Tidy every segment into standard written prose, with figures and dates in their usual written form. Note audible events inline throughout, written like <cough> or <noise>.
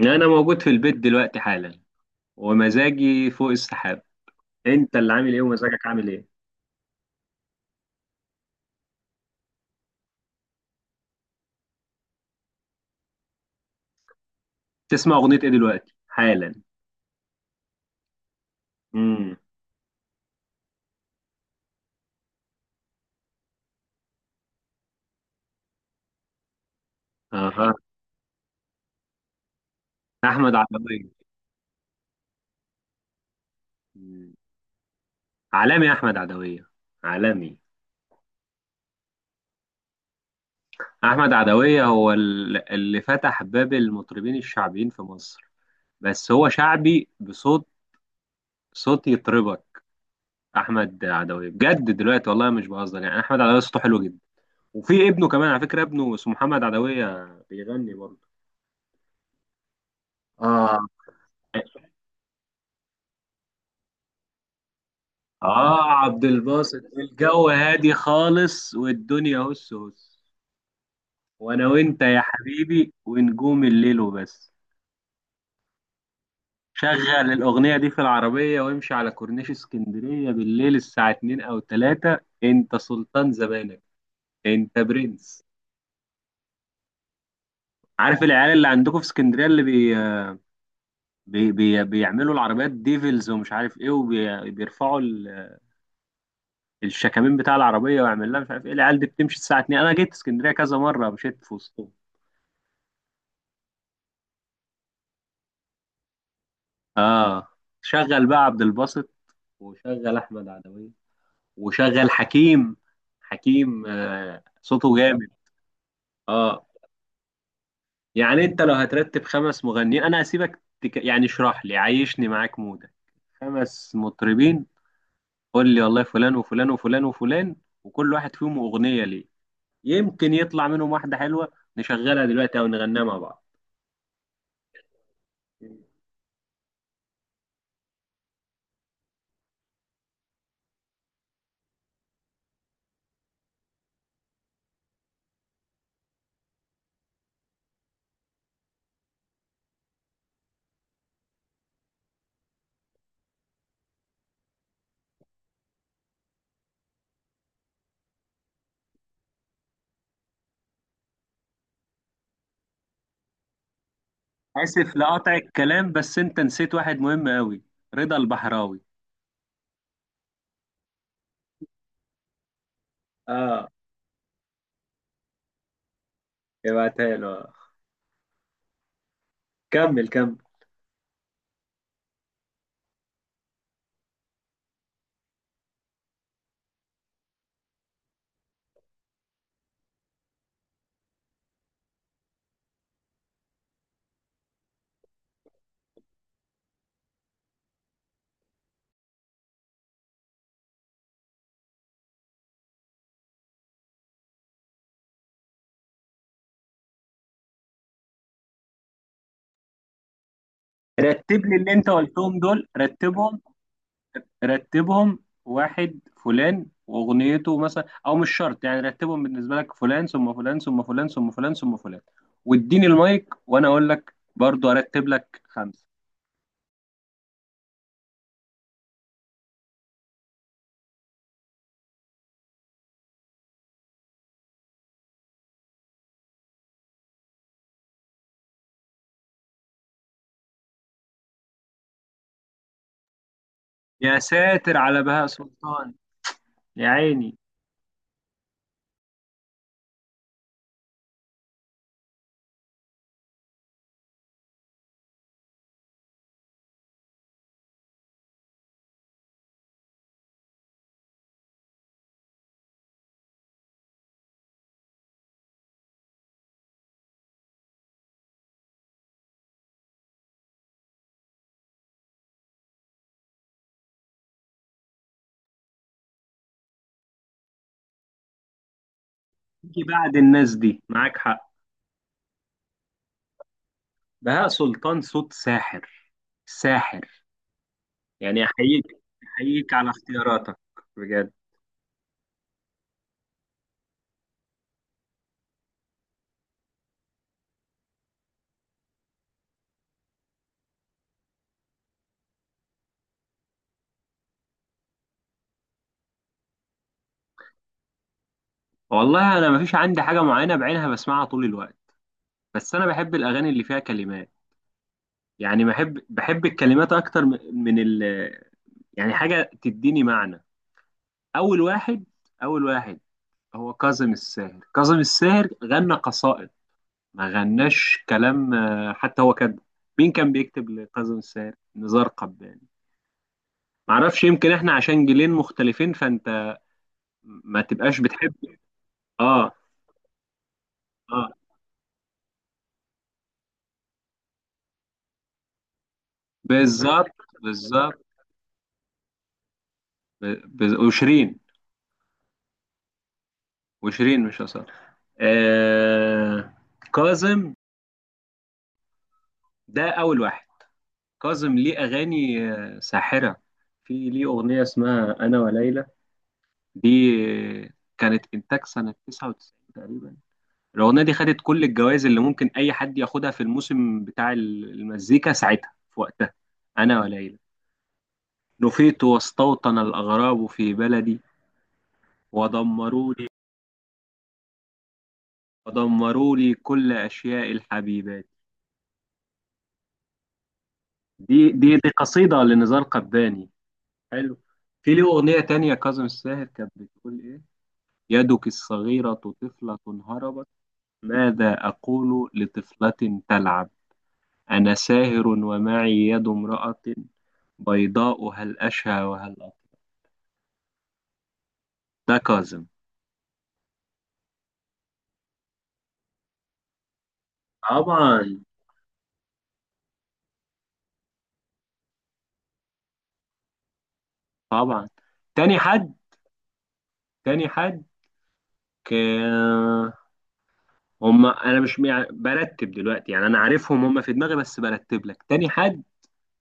انا موجود في البيت دلوقتي حالا، ومزاجي فوق السحاب. انت اللي عامل ايه ومزاجك عامل ايه؟ تسمع اغنية ايه دلوقتي حالا؟ امم اها. احمد عدوية. مم. عالمي احمد عدوية، عالمي. احمد عدوية هو اللي فتح باب المطربين الشعبيين في مصر، بس هو شعبي بصوت، صوت يطربك. احمد عدوية بجد دلوقتي والله مش بهزر، يعني احمد عدوية صوته حلو جدا، وفي ابنه كمان على فكرة، ابنه اسمه محمد عدوية بيغني برضه. اه. اه، عبد الباسط الجو هادي خالص والدنيا هس هس. وانا وانت يا حبيبي ونجوم الليل وبس. شغل الاغنية دي في العربية وامشي على كورنيش اسكندرية بالليل الساعة 2 او 3، انت سلطان زمانك، انت برنس. عارف العيال اللي عندكم في اسكندرية اللي بيعملوا العربيات ديفلز ومش عارف ايه، وبيرفعوا الشكامين بتاع العربية ويعمل لها مش عارف ايه، العيال دي بتمشي الساعة 2، انا جيت اسكندرية كذا مرة مشيت في وسطهم. اه. شغل بقى عبد الباسط، وشغل احمد عدوية، وشغل حكيم. حكيم صوته جامد. اه. يعني انت لو هترتب خمس مغنيين، انا هسيبك، يعني اشرح لي، عيشني معاك مودك. خمس مطربين، قول لي والله فلان وفلان وفلان وفلان، وكل واحد فيهم اغنية ليه، يمكن يطلع منهم واحدة حلوة نشغلها دلوقتي او نغنيها مع بعض. اسف لقطع الكلام، بس انت نسيت واحد مهم قوي، رضا البحراوي. اه. ابعتها له. كمل كمل. رتب لي اللي انت قلتهم دول، رتبهم. رتبهم، واحد فلان واغنيته مثلا، او مش شرط، يعني رتبهم بالنسبه لك، فلان ثم فلان ثم فلان ثم فلان ثم فلان، واديني المايك وانا اقول لك برضو ارتب لك خمسه. يا ساتر على بهاء سلطان، يا عيني. تيجي بعد الناس دي، معاك حق. بهاء سلطان صوت ساحر، ساحر. يعني احييك، احييك على اختياراتك، بجد. والله انا مفيش عندي حاجه معينه بعينها بسمعها طول الوقت، بس انا بحب الاغاني اللي فيها كلمات، يعني بحب بحب الكلمات اكتر من يعني حاجه تديني معنى. اول واحد، اول واحد هو كاظم الساهر. كاظم الساهر غنى قصائد، ما غناش كلام، حتى هو كاتبه. مين كان بيكتب لكاظم الساهر؟ نزار قباني. معرفش، يمكن احنا عشان جيلين مختلفين، فانت ما تبقاش بتحب. اه. اه، بالظبط، بالظبط، وشيرين. وشيرين، مش أصالة. آه... كاظم، ده أول واحد. كاظم ليه أغاني ساحرة. في ليه أغنية اسمها أنا وليلى، دي آه، كانت إنتاج سنة 99 تقريبا. الأغنية دي خدت كل الجوائز اللي ممكن أي حد ياخدها في الموسم بتاع المزيكا ساعتها في وقتها. أنا وليلى، نفيت واستوطن الأغراب في بلدي، ودمروا لي، ودمروا لي كل أشياء الحبيبات. دي قصيدة لنزار قباني. حلو. في له أغنية تانية كاظم الساهر كانت بتقول إيه: يدك الصغيرة طفلة هربت، ماذا أقول لطفلة تلعب، أنا ساهر ومعي يد امرأة بيضاء، هل أشهى وهل أطلع. ده كاظم. طبعا. طبعا. تاني حد، تاني حد، ك- هم انا مش مع- برتب دلوقتي، يعني انا عارفهم هم في دماغي، بس برتب لك. تاني حد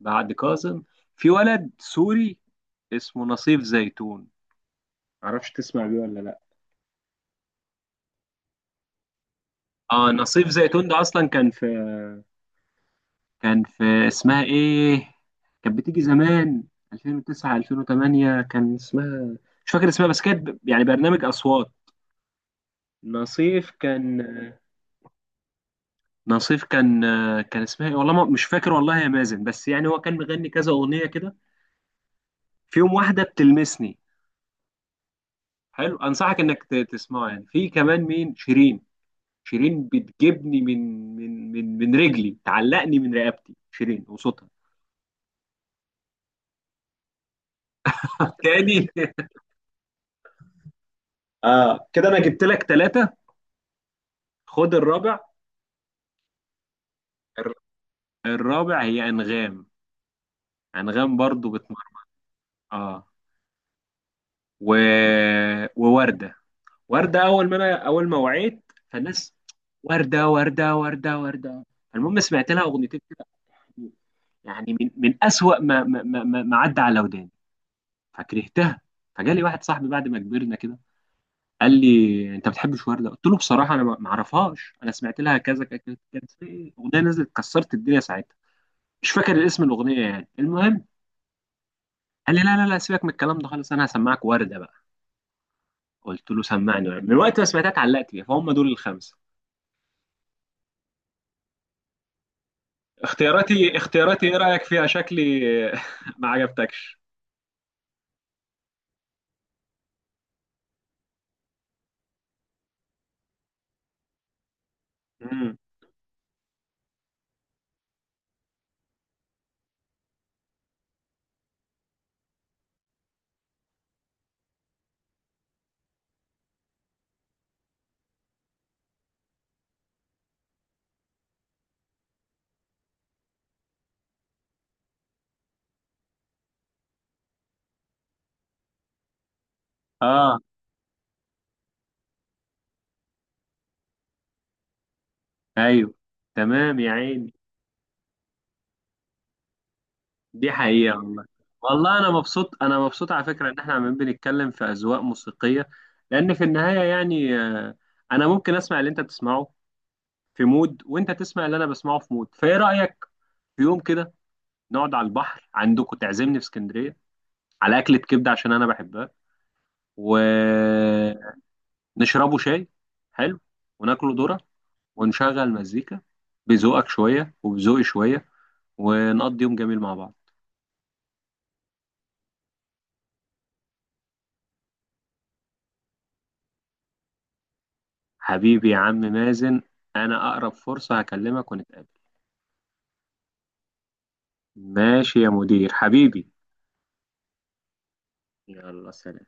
بعد كاظم، في ولد سوري اسمه نصيف زيتون، معرفش تسمع بيه ولا لا. اه، نصيف زيتون ده اصلا كان في، كان في اسمها ايه، كانت بتيجي زمان، 2009 2008 كان اسمها، مش فاكر اسمها، بس كانت يعني برنامج اصوات. نصيف كان، نصيف كان، كان اسمها ايه والله ما مش فاكر، والله يا مازن، بس يعني هو كان مغني كذا اغنيه كده، في يوم واحده بتلمسني، حلو انصحك انك تسمعه. يعني في كمان مين، شيرين. شيرين بتجيبني من، من من من رجلي، تعلقني من رقبتي، شيرين وصوتها. تاني. اه، كده انا جبت لك ثلاثة، خد الرابع. الر- الرابع هي انغام، انغام برضو بتمر. اه، و... ووردة. وردة اول ما انا، اول ما وعيت فالناس، وردة وردة وردة وردة. المهم سمعت لها اغنيتين كده، يعني من اسوأ ما عدى على وداني، فكرهتها. فجالي واحد صاحبي بعد ما كبرنا كده، قال لي انت ما بتحبش ورده، قلت له بصراحه انا ما اعرفهاش، انا سمعت لها كذا كذا كذا، كانت في اغنيه نزلت كسرت الدنيا ساعتها، مش فاكر الاسم الاغنيه يعني المهم. قال لي لا لا لا، سيبك من الكلام ده خالص، انا هسمعك ورده بقى. قلت له سمعني ورده، من وقت ما سمعتها اتعلقت بيها، فهم دول الخمسه. اختياراتي، اختياراتي ايه رايك فيها شكلي؟ <laughs> ما عجبتكش؟ امم اه، ايوه، تمام يا عيني. دي حقيقه والله. والله انا مبسوط، انا مبسوط على فكره، ان احنا عمالين بنتكلم في اذواق موسيقيه، لان في النهايه يعني انا ممكن اسمع اللي انت بتسمعه في مود، وانت تسمع اللي انا بسمعه في مود، فايه رايك في يوم كده نقعد على البحر عندكم، تعزمني في اسكندريه على اكله كبده عشان انا بحبها، ونشربه شاي، حلو، وناكله ذره، ونشغل مزيكا بذوقك شويه وبذوقي شويه، ونقضي يوم جميل مع بعض. حبيبي يا عم مازن، انا اقرب فرصه هكلمك ونتقابل. ماشي يا مدير حبيبي، يلا سلام.